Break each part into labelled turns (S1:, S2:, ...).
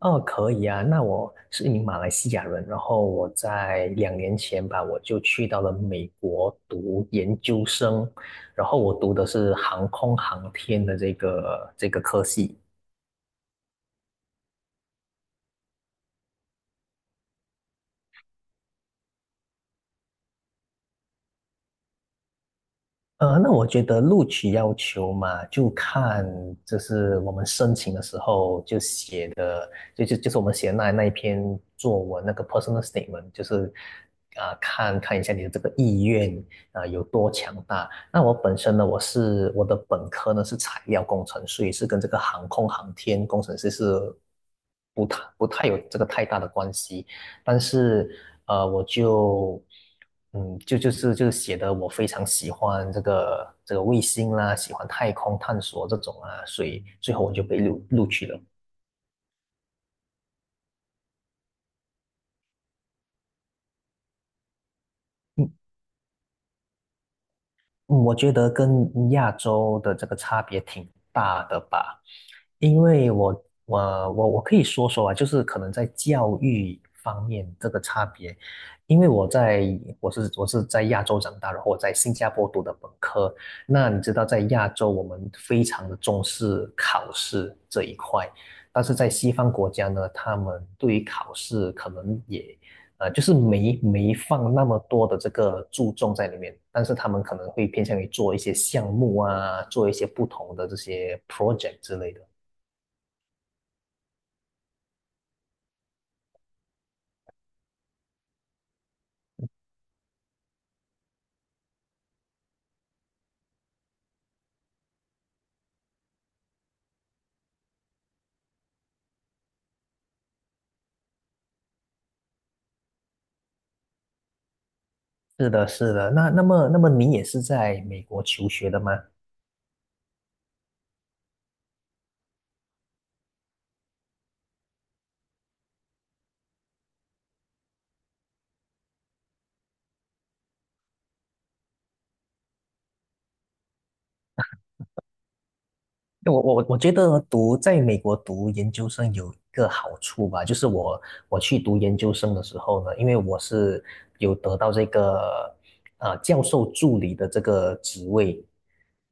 S1: 哦，可以啊。那我是一名马来西亚人，然后我在2年前吧，我就去到了美国读研究生，然后我读的是航空航天的这个科系。那我觉得录取要求嘛，就看就是我们申请的时候就写的，就是我们写的那一篇作文那个 personal statement，就是看看一下你的这个意愿有多强大。那我本身呢，我的本科呢是材料工程，所以是跟这个航空航天工程师是不太有这个太大的关系。但是我就就是写的我非常喜欢这个卫星啦，喜欢太空探索这种啊，所以最后我就被录取了。嗯我觉得跟亚洲的这个差别挺大的吧，因为我可以说说啊，就是可能在教育方面这个差别，因为我在我是在亚洲长大，然后我在新加坡读的本科，那你知道在亚洲我们非常的重视考试这一块，但是在西方国家呢，他们对于考试可能也就是没放那么多的这个注重在里面，但是他们可能会偏向于做一些项目啊，做一些不同的这些 project 之类的。是的，是的。那么你也是在美国求学的吗？因为我觉得读在美国读研究生有一个好处吧，就是我去读研究生的时候呢，因为我是有得到这个教授助理的这个职位，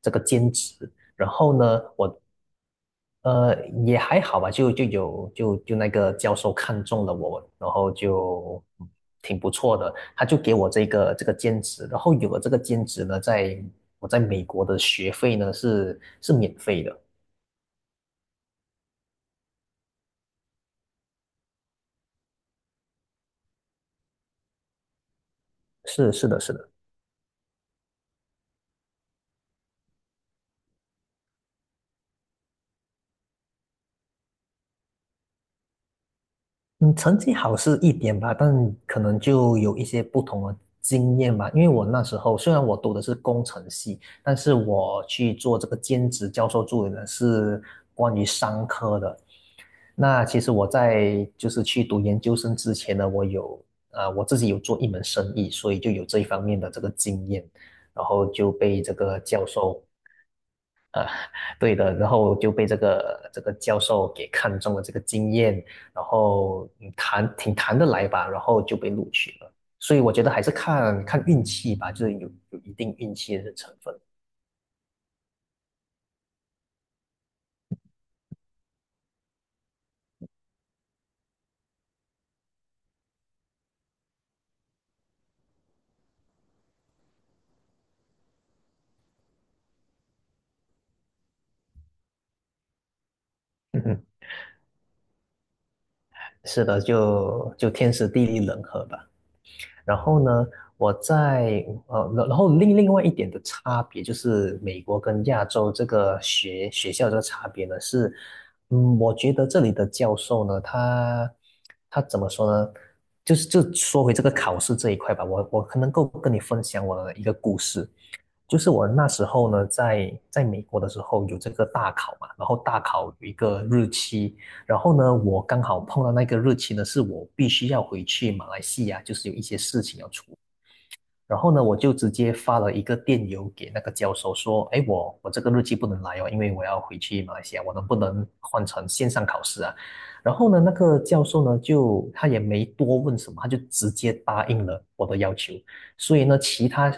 S1: 这个兼职。然后呢，我呃，也还好吧，就有那个教授看中了我，然后就挺不错的，他就给我这个兼职，然后有了这个兼职呢，在我在美国的学费呢是免费的。是，是的，是的。嗯，成绩好是一点吧，但可能就有一些不同的经验吧，因为我那时候虽然我读的是工程系，但是我去做这个兼职教授助理呢是关于商科的，那其实我在就是去读研究生之前呢，我有我自己有做一门生意，所以就有这一方面的这个经验，然后就被这个教授。对的，然后就被这个教授给看中了这个经验，然后挺谈得来吧，然后就被录取了。所以我觉得还是看看运气吧，就是有一定运气的成分。嗯，是的，就天时地利人和吧。然后呢，我在然后另外一点的差别就是美国跟亚洲这个学校这个差别呢是，我觉得这里的教授呢，他怎么说呢？就是就说回这个考试这一块吧，我可能够跟你分享我的一个故事。就是我那时候呢，在美国的时候有这个大考嘛，然后大考有一个日期，然后呢，我刚好碰到那个日期呢，是我必须要回去马来西亚，就是有一些事情要处理。然后呢，我就直接发了一个电邮给那个教授说，哎，我这个日期不能来哦，因为我要回去马来西亚，我能不能换成线上考试啊？然后呢，那个教授呢，就他也没多问什么，他就直接答应了我的要求。所以呢，其他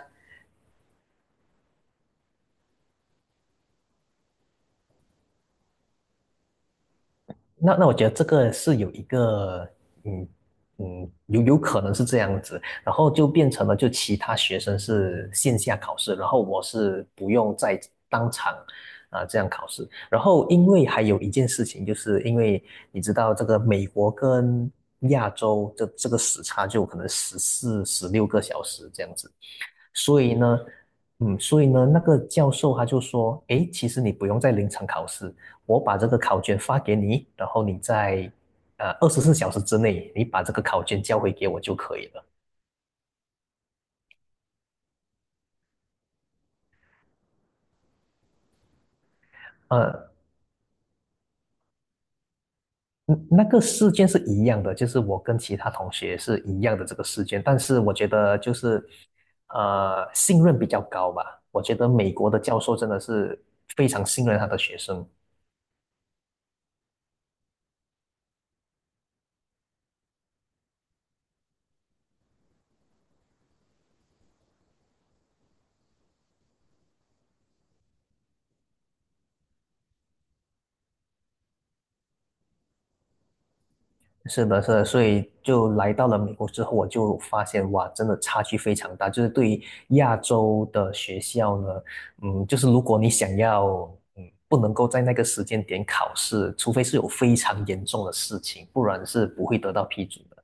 S1: 那我觉得这个是有一个，嗯有可能是这样子，然后就变成了就其他学生是线下考试，然后我是不用再当场这样考试，然后因为还有一件事情，就是因为你知道这个美国跟亚洲这个时差就可能14、16个小时这样子，所以呢，所以呢，那个教授他就说，诶，其实你不用在临场考试，我把这个考卷发给你，然后你在24小时之内，你把这个考卷交回给我就可以了。呃，嗯那个事件是一样的，就是我跟其他同学是一样的这个事件，但是我觉得就是信任比较高吧，我觉得美国的教授真的是非常信任他的学生。是的，是的，所以就来到了美国之后，我就发现哇，真的差距非常大。就是对于亚洲的学校呢，就是如果你想要，嗯，不能够在那个时间点考试，除非是有非常严重的事情，不然是不会得到批准的。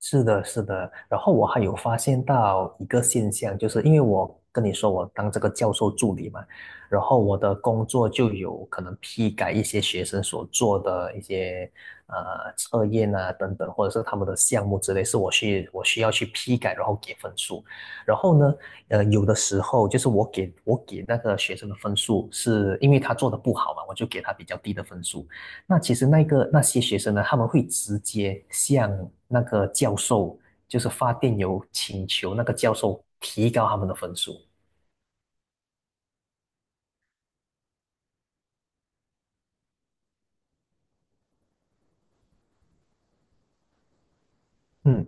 S1: 是的，是的。然后我还有发现到一个现象，就是因为我跟你说我当这个教授助理嘛，然后我的工作就有可能批改一些学生所做的一些呃测验啊等等，或者是他们的项目之类，是我需要去批改，然后给分数。然后呢，有的时候就是我给那个学生的分数，是因为他做的不好嘛，我就给他比较低的分数。那其实那些学生呢，他们会直接向那个教授，就是发电邮请求那个教授提高他们的分数。嗯，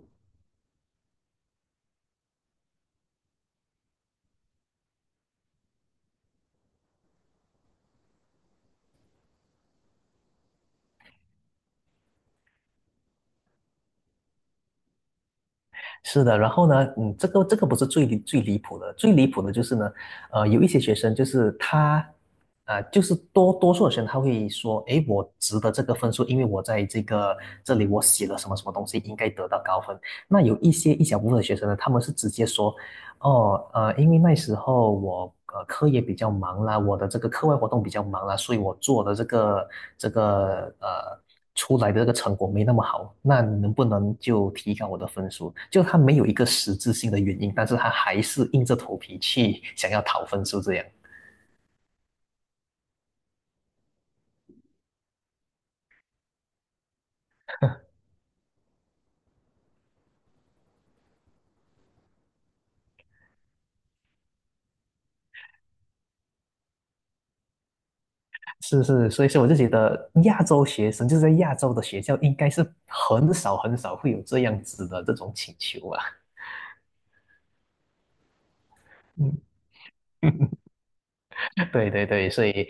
S1: 是的。然后呢，这个不是最离谱的，最离谱的就是呢，有一些学生就是他。就是多数的学生他会说，诶，我值得这个分数，因为我在这里我写了什么什么东西，应该得到高分。那有一小部分的学生呢，他们是直接说，哦，因为那时候我课业比较忙啦，我的这个课外活动比较忙啦，所以我做的这个出来的这个成果没那么好。那能不能就提高我的分数？就他没有一个实质性的原因，但是他还是硬着头皮去想要讨分数这样。是，是，所以说我就觉得亚洲学生就是在亚洲的学校应该是很少很少会有这样子的这种请求啊。嗯，对对对，所以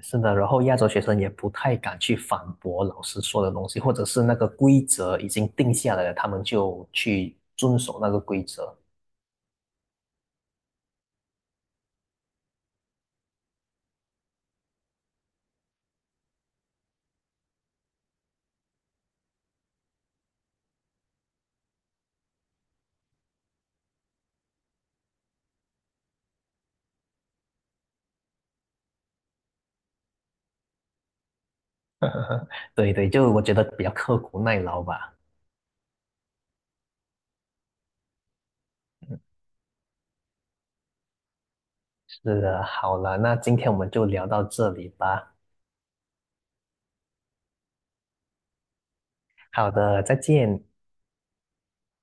S1: 是的，然后亚洲学生也不太敢去反驳老师说的东西，或者是那个规则已经定下来了，他们就去遵守那个规则。对对，就我觉得比较刻苦耐劳吧。是的，好了，那今天我们就聊到这里吧。好的，再见。